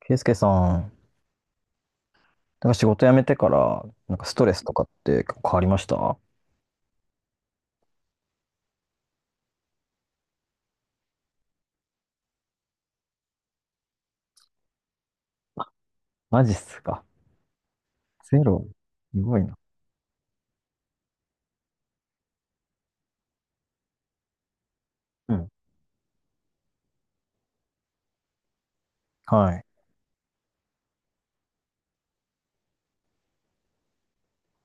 ケイスケさん、なんか仕事辞めてから、なんかストレスとかって結構変わりました？マジっすか。ゼロ。すごいな。うん。はい。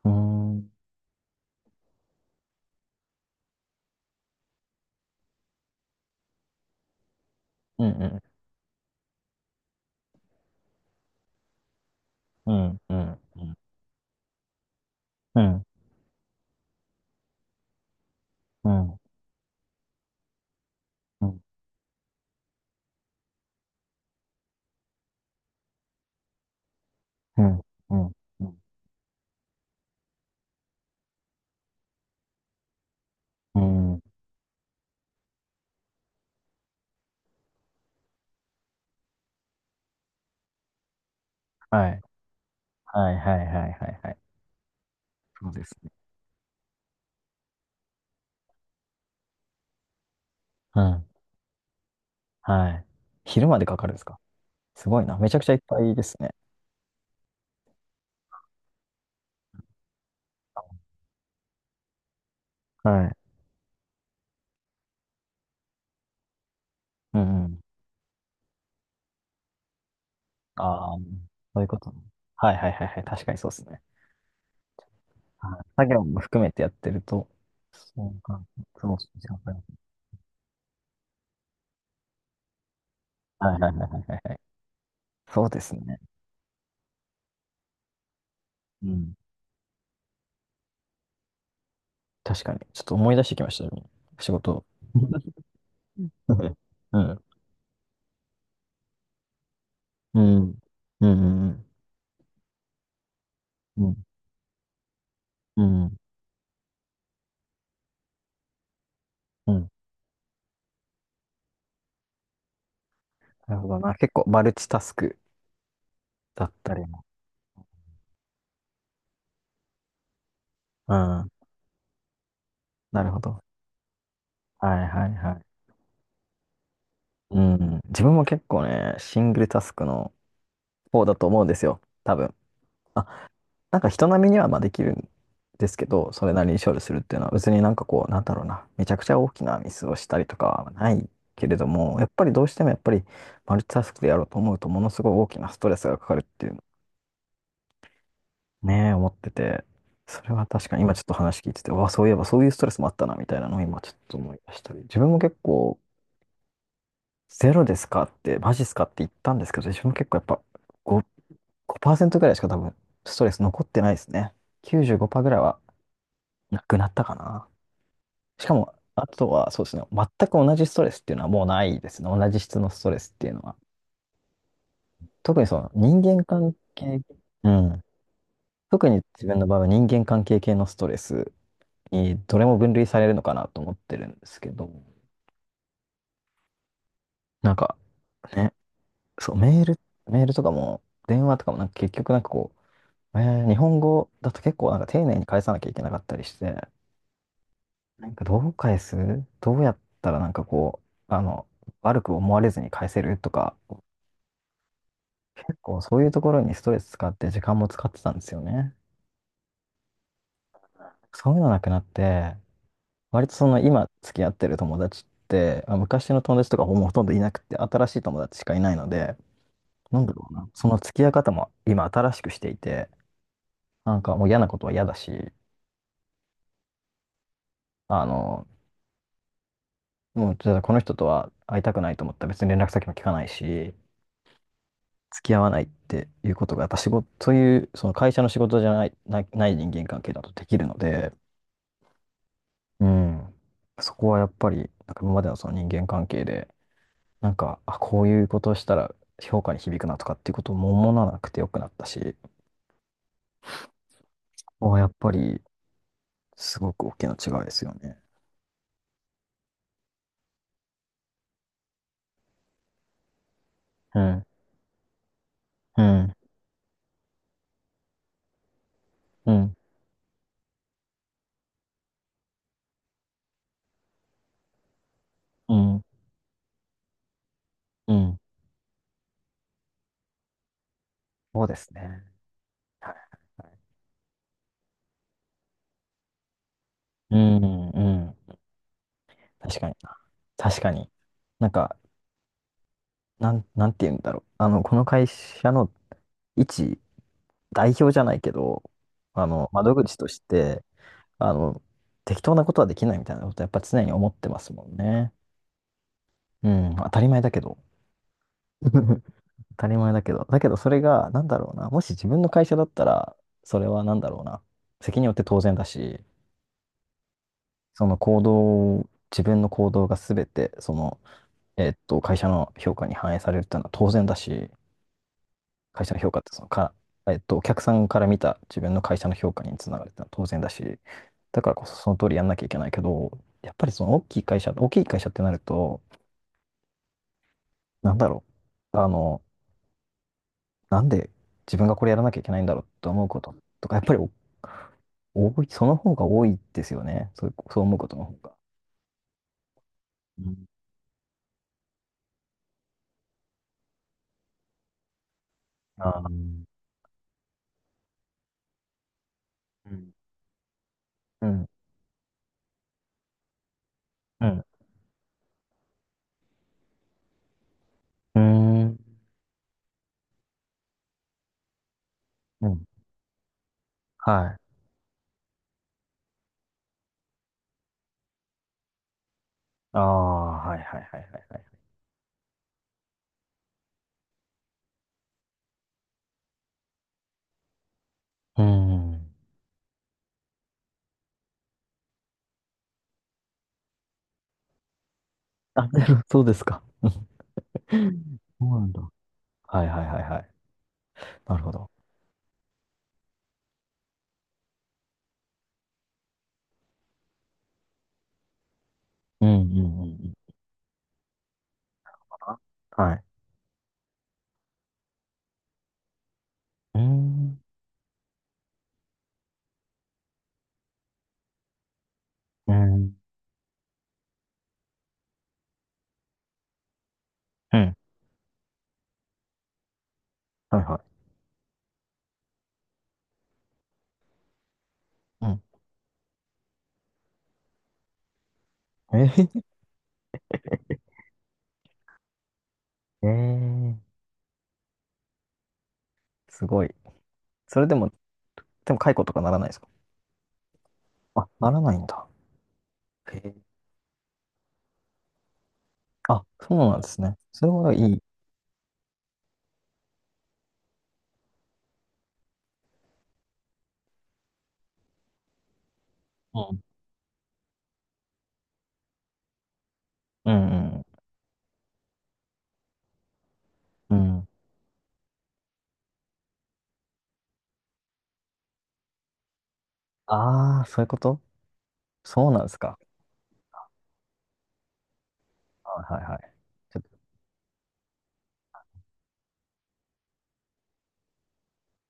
うーん。うんうん。うん。うん。うん。うん。うん。うん。うん。うんうんうん。はい。はいはいはいはいはい。そうですね。うん。はい。昼までかかるんですか？すごいな。めちゃくちゃいっぱいですね。はい。うんうん。ああ、そういうことね。はいはいはいはい。確かにそうですね。はい、作業も含めてやってると、そうか。そうそうそう。はいはいはいはいはいはい。そうですね。うん。確かに。ちょっと思い出してきましたよ、仕事。うん。うん。うん。うん。うん。うんうん。なるほどな。結構マルチタスクだったりも。うん。なるほど。はいはいはい。うん。自分も結構ね、シングルタスクの方だと思うんですよ。多分。なんか人並みにはまあできるんですけど、それなりに勝利するっていうのは別になんかこう、なんだろうな、めちゃくちゃ大きなミスをしたりとかはないけれども、やっぱりどうしてもやっぱりマルチタスクでやろうと思うとものすごい大きなストレスがかかるっていうのをね、思ってて、それは確かに今ちょっと話聞いてて、うわ、そういえばそういうストレスもあったなみたいなのを今ちょっと思い出したり、自分も結構ゼロですかって、マジっすかって言ったんですけど、自分も結構やっぱごごパーセン5%ぐらいしか多分ストレス残ってないですね。95%ぐらいはなくなったかな。しかも、あとはそうですね、全く同じストレスっていうのはもうないですね。同じ質のストレスっていうのは。特にその人間関係、うん。特に自分の場合は人間関係系のストレスにどれも分類されるのかなと思ってるんですけど、なんかね、そう、メールとかも電話とかもなんか結局なんかこう、日本語だと結構なんか丁寧に返さなきゃいけなかったりして、なんかどう返すどうやったらなんかこう、悪く思われずに返せるとか結構そういうところにストレス使って時間も使ってたんですよね。そういうのなくなって、割とその今付き合ってる友達って、まあ、昔の友達とかもうほとんどいなくて、新しい友達しかいないので、なんだろうな、その付き合い方も今新しくしていて、なんかもう嫌なことは嫌だし、あの、もうじゃあこの人とは会いたくないと思ったら別に連絡先も聞かないし、付き合わないっていうことが、やっぱ仕事、そういう、その会社の仕事じゃない人間関係だとできるので、うん。そこはやっぱり、なんか今までのその人間関係で、なんか、あ、こういうことをしたら評価に響くなとかっていうことをも思わなくてよくなったし、ここはやっぱり、すごく大きな違いですよね。うん、うん、うん、うん、うん。そうですね。はい。うん、うん。確かにな。確かに。なんか、なんて言うんだろう。この会社の一代表じゃないけど、窓口として、あの、適当なことはできないみたいなことやっぱ常に思ってますもんね。うん、当たり前だけど。当たり前だけど。だけどそれが、なんだろうな。もし自分の会社だったら、それはなんだろうな。責任を負って当然だし、その行動、自分の行動が全て、その、会社の評価に反映されるっていうのは当然だし、会社の評価ってそのか、えっと、お客さんから見た自分の会社の評価につながるっていうのは当然だし、だからこそその通りやんなきゃいけないけど、やっぱりその大きい会社、大きい会社ってなると、なんだろう。なんで自分がこれやらなきゃいけないんだろうと思うこととか、やっぱりお多い、その方が多いですよね。そう、そう思うことの方が。うん。ああ、うん。うん、うん、うん、うん、はい。ああ、はいはいはいはいはい。うん。あ、なるほどそうですか。うん。そうなんだ。はいはいはいはい。なるほど。うんうんうんうん。あ、はい。うん。うん。うん。はいはい。うん。えー、えー、すごい。それでも、でも解雇とかならないですか？あ、ならないんだ。へえ。あ、そうなんですね。それはいい。うんうんうん。うん。ああ、そういうこと。そうなんですか？はいはいはい。ちょっと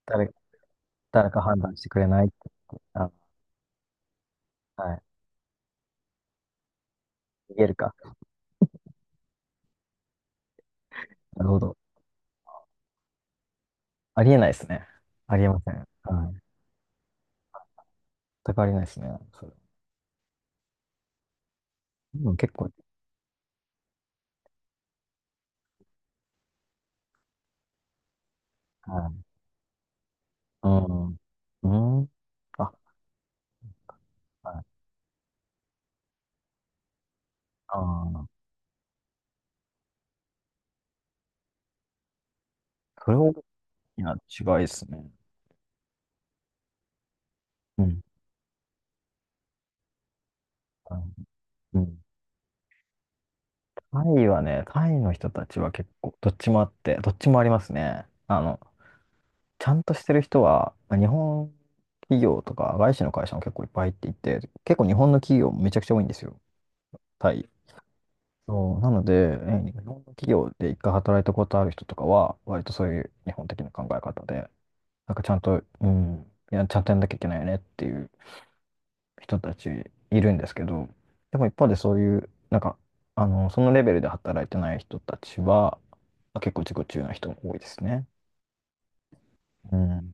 誰、誰か判断してくれない。あ、はい。逃げるか。なるほど。ありえないですね。ありえません。はい。全くありえないですね。それ。でも結構、はい。うん。うん。あ、はい。ああ。それ大きな違いですね。うん。はい。うん。タイはね、タイの人たちは結構、どっちもあって、どっちもありますね。ちゃんとしてる人は、まあ日本企業とか、外資の会社も結構いっぱい入っていて、結構日本の企業もめちゃくちゃ多いんですよ、タイ。そう、なので、日本の企業で一回働いたことある人とかは、割とそういう日本的な考え方で、なんかちゃんと、うん、いや、ちゃんとやんなきゃいけないよねっていう人たちいるんですけど、でも一方でそういう、なんか、そのレベルで働いてない人たちは、結構自己中な人も多いですね。うん。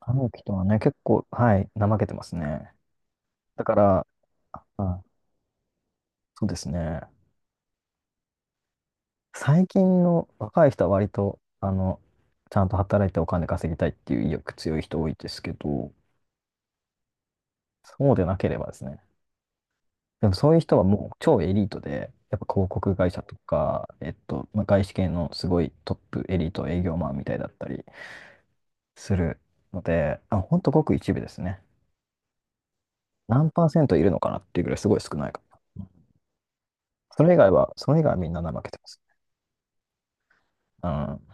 あの人はね、結構、はい、怠けてますね。だから、あ、そうですね。最近の若い人は割と、ちゃんと働いてお金稼ぎたいっていう意欲強い人多いですけど、そうでなければですね、でもそういう人はもう超エリートで、やっぱ広告会社とか、まあ、外資系のすごいトップエリート営業マンみたいだったりするので、あ、ほんとごく一部ですね。何パーセントいるのかなっていうぐらいすごい少ないかな。うん。それ以外は、それ以外はみんな怠けてます。うん。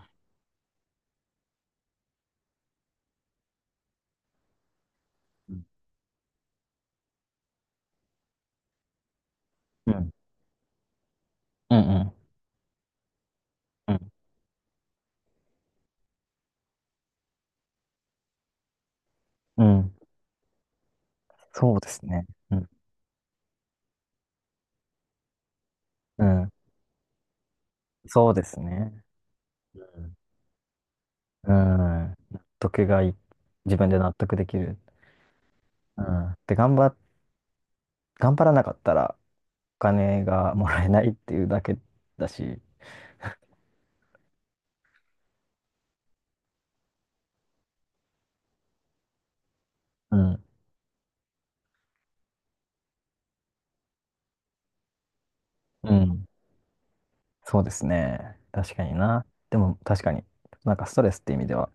うん。うん。うん。うん。うん。そうですね。うん。うん。そうですね。うん。うん。納得がい、自分で納得できる。うん。で、頑張らなかったら、お金がもらえないっていうだけだし、うん、うん、そうですね。確かにな。でも確かに、なんかストレスって意味では、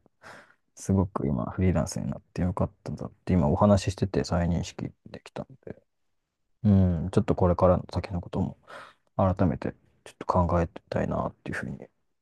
すごく今フリーランスになってよかったんだって今お話ししてて再認識できたんで、うん、ちょっとこれからの先のことも改めてちょっと考えたいなっていうふうに